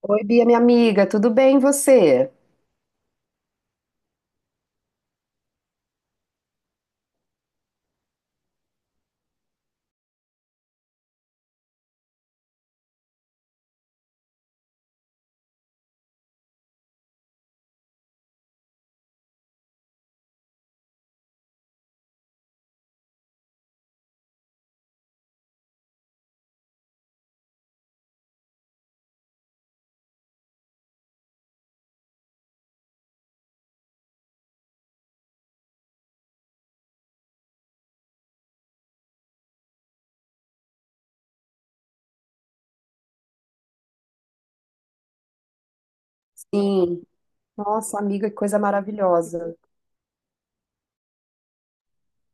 Oi, Bia, minha amiga, tudo bem e você? Sim. Nossa, amiga, que coisa maravilhosa.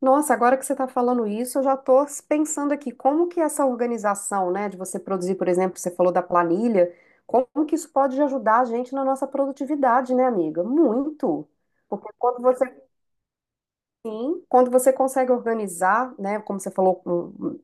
Nossa, agora que você está falando isso, eu já estou pensando aqui, como que essa organização, né, de você produzir, por exemplo, você falou da planilha, como que isso pode ajudar a gente na nossa produtividade, né, amiga? Muito. Porque quando você, sim, quando você consegue organizar, né, como você falou, um,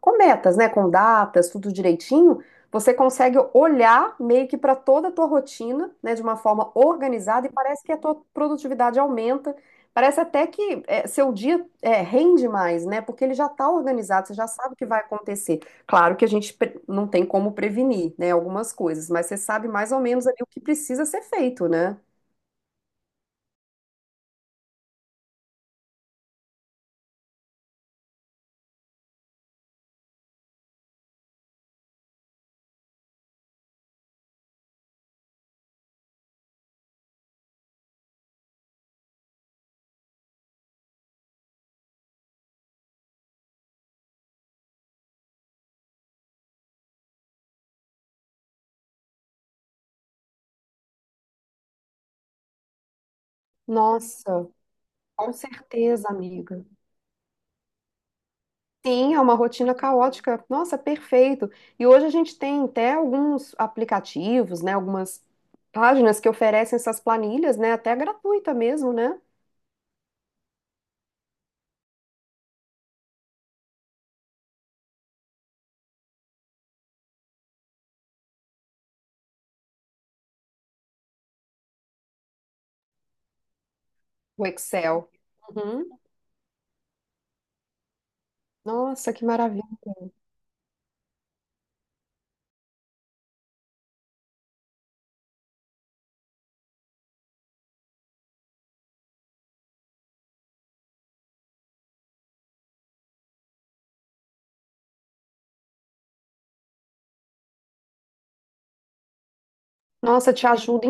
com metas, né, com datas, tudo direitinho, você consegue olhar meio que para toda a tua rotina, né, de uma forma organizada e parece que a tua produtividade aumenta. Parece até que é, seu dia é, rende mais, né? Porque ele já está organizado, você já sabe o que vai acontecer. Claro que não tem como prevenir, né, algumas coisas, mas você sabe mais ou menos ali o que precisa ser feito, né? Nossa, com certeza, amiga. Sim, é uma rotina caótica. Nossa, perfeito. E hoje a gente tem até alguns aplicativos, né, algumas páginas que oferecem essas planilhas, né, até gratuita mesmo, né? O Excel. Uhum. Nossa, que maravilha. Nossa, te ajuda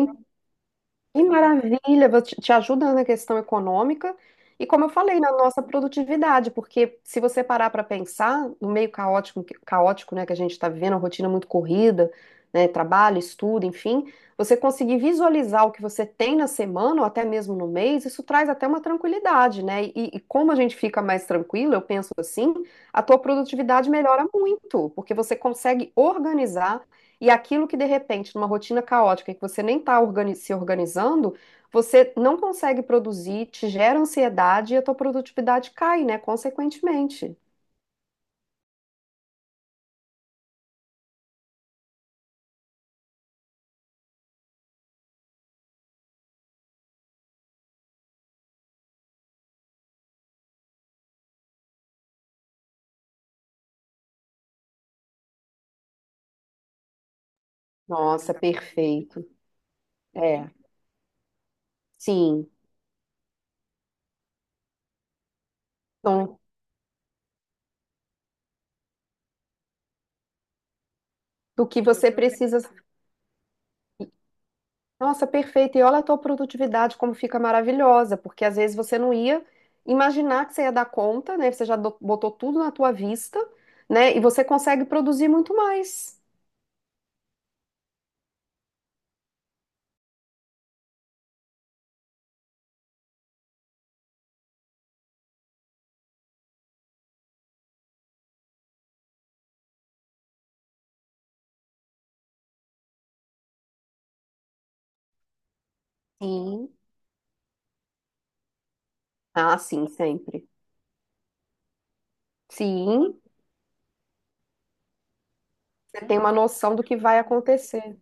Que maravilha! Vou Te te ajuda na questão econômica e, como eu falei, na nossa produtividade, porque se você parar para pensar, no meio caótico, caótico, né, que a gente está vivendo, uma rotina muito corrida, né, trabalho, estudo, enfim, você conseguir visualizar o que você tem na semana ou até mesmo no mês, isso traz até uma tranquilidade, né? E como a gente fica mais tranquilo, eu penso assim, a tua produtividade melhora muito, porque você consegue organizar e aquilo que de repente, numa rotina caótica, que você nem está organi- se organizando, você não consegue produzir, te gera ansiedade e a tua produtividade cai, né? Consequentemente. Nossa, perfeito. É, sim. Então, do que você precisa. Nossa, perfeito. E olha a tua produtividade como fica maravilhosa, porque às vezes você não ia imaginar que você ia dar conta, né? Botou tudo na tua vista, né? E você consegue produzir muito mais. Sim. Ah, sim, sempre. Sim. Você tem uma noção do que vai acontecer,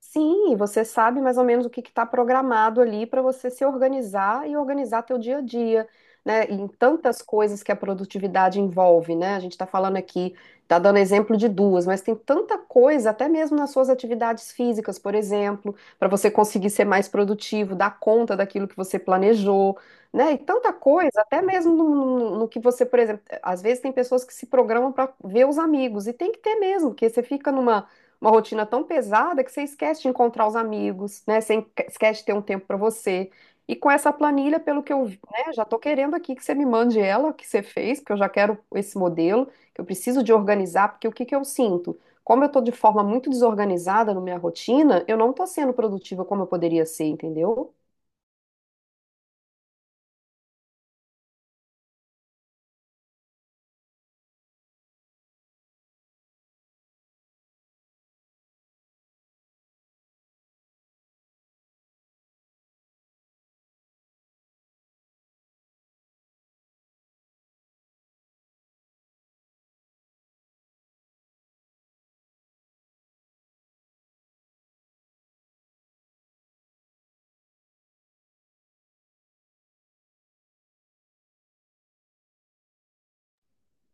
sim, e você sabe mais ou menos o que está programado ali para você se organizar e organizar teu dia a dia, né? Em tantas coisas que a produtividade envolve, né? A gente está falando aqui, está dando exemplo de duas, mas tem tanta coisa, até mesmo nas suas atividades físicas, por exemplo, para você conseguir ser mais produtivo, dar conta daquilo que você planejou, né? E tanta coisa, até mesmo no que você, por exemplo, às vezes tem pessoas que se programam para ver os amigos, e tem que ter mesmo, porque você fica numa uma rotina tão pesada que você esquece de encontrar os amigos, né? Esquece de ter um tempo para você. E com essa planilha, pelo que vi, né, já estou querendo aqui que você me mande ela, que você fez, porque eu já quero esse modelo, que eu preciso de organizar, porque o que que eu sinto? Como eu estou de forma muito desorganizada na minha rotina, eu não estou sendo produtiva como eu poderia ser, entendeu?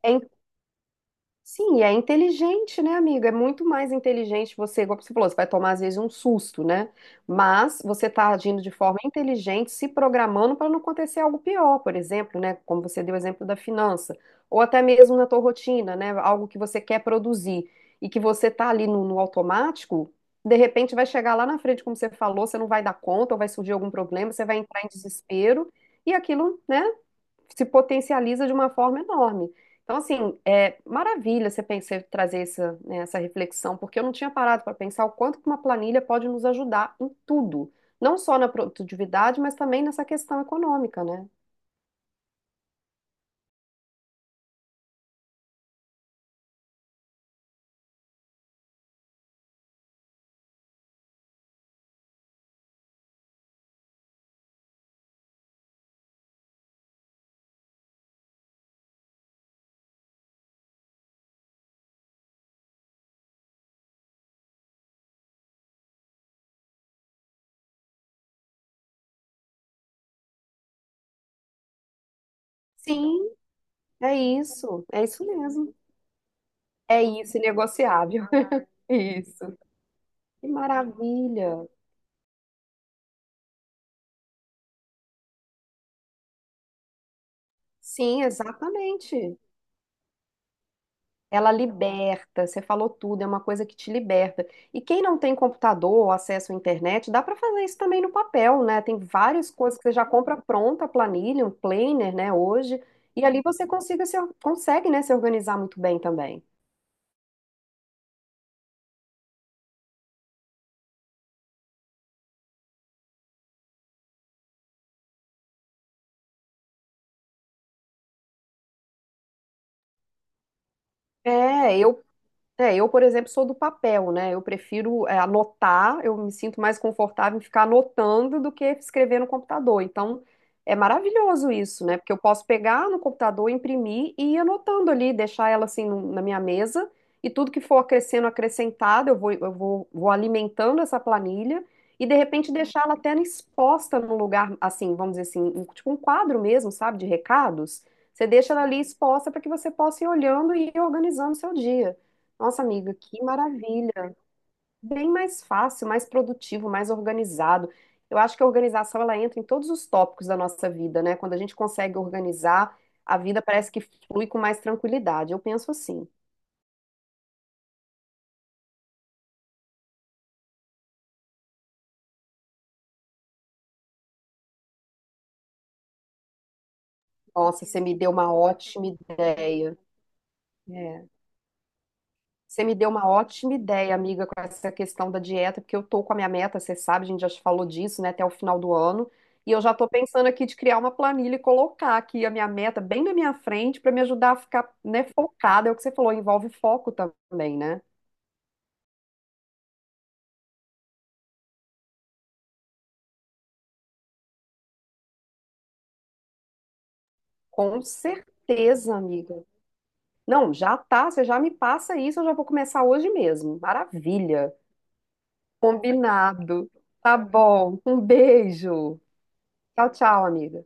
É Sim, e é inteligente, né, amigo? É muito mais inteligente você, igual você falou, você vai tomar às vezes um susto, né? Mas você está agindo de forma inteligente, se programando para não acontecer algo pior, por exemplo, né? Como você deu o exemplo da finança, ou até mesmo na tua rotina, né? Algo que você quer produzir e que você está ali no automático, de repente vai chegar lá na frente, como você falou, você não vai dar conta, ou vai surgir algum problema, você vai entrar em desespero e aquilo, né? Se potencializa de uma forma enorme. Então, assim, é maravilha você pensar, trazer essa, né, essa reflexão, porque eu não tinha parado para pensar o quanto que uma planilha pode nos ajudar em tudo, não só na produtividade, mas também nessa questão econômica, né? Sim, é isso mesmo. É isso, negociável. Isso. Que maravilha. Sim, exatamente. Ela liberta, você falou tudo, é uma coisa que te liberta. E quem não tem computador ou acesso à internet, dá para fazer isso também no papel, né? Tem várias coisas que você já compra pronta, a planilha, um planner, né, hoje, e ali você consiga se, consegue, né, se organizar muito bem também. É, eu É, eu, por exemplo, sou do papel, né? Eu prefiro anotar, eu me sinto mais confortável em ficar anotando do que escrever no computador. Então, é maravilhoso isso, né? Porque eu posso pegar no computador, imprimir e ir anotando ali, deixar ela assim na minha mesa, e tudo que for acrescentado, vou alimentando essa planilha e, de repente, deixar ela até exposta num lugar, assim, vamos dizer assim, tipo um quadro mesmo, sabe, de recados. Você deixa ela ali exposta para que você possa ir olhando e ir organizando o seu dia. Nossa, amiga, que maravilha! Bem mais fácil, mais produtivo, mais organizado. Eu acho que a organização ela entra em todos os tópicos da nossa vida, né? Quando a gente consegue organizar, a vida parece que flui com mais tranquilidade. Eu penso assim. Nossa, você me deu uma ótima ideia. É. Você me deu uma ótima ideia, amiga, com essa questão da dieta, porque eu tô com a minha meta, você sabe, a gente já te falou disso, né, até o final do ano. E eu já tô pensando aqui de criar uma planilha e colocar aqui a minha meta bem na minha frente para me ajudar a ficar, né, focada. É o que você falou, envolve foco também, né? Com certeza, amiga. Não, já tá, você já me passa isso, eu já vou começar hoje mesmo. Maravilha. Combinado. Tá bom. Um beijo. Tchau, tchau, amiga.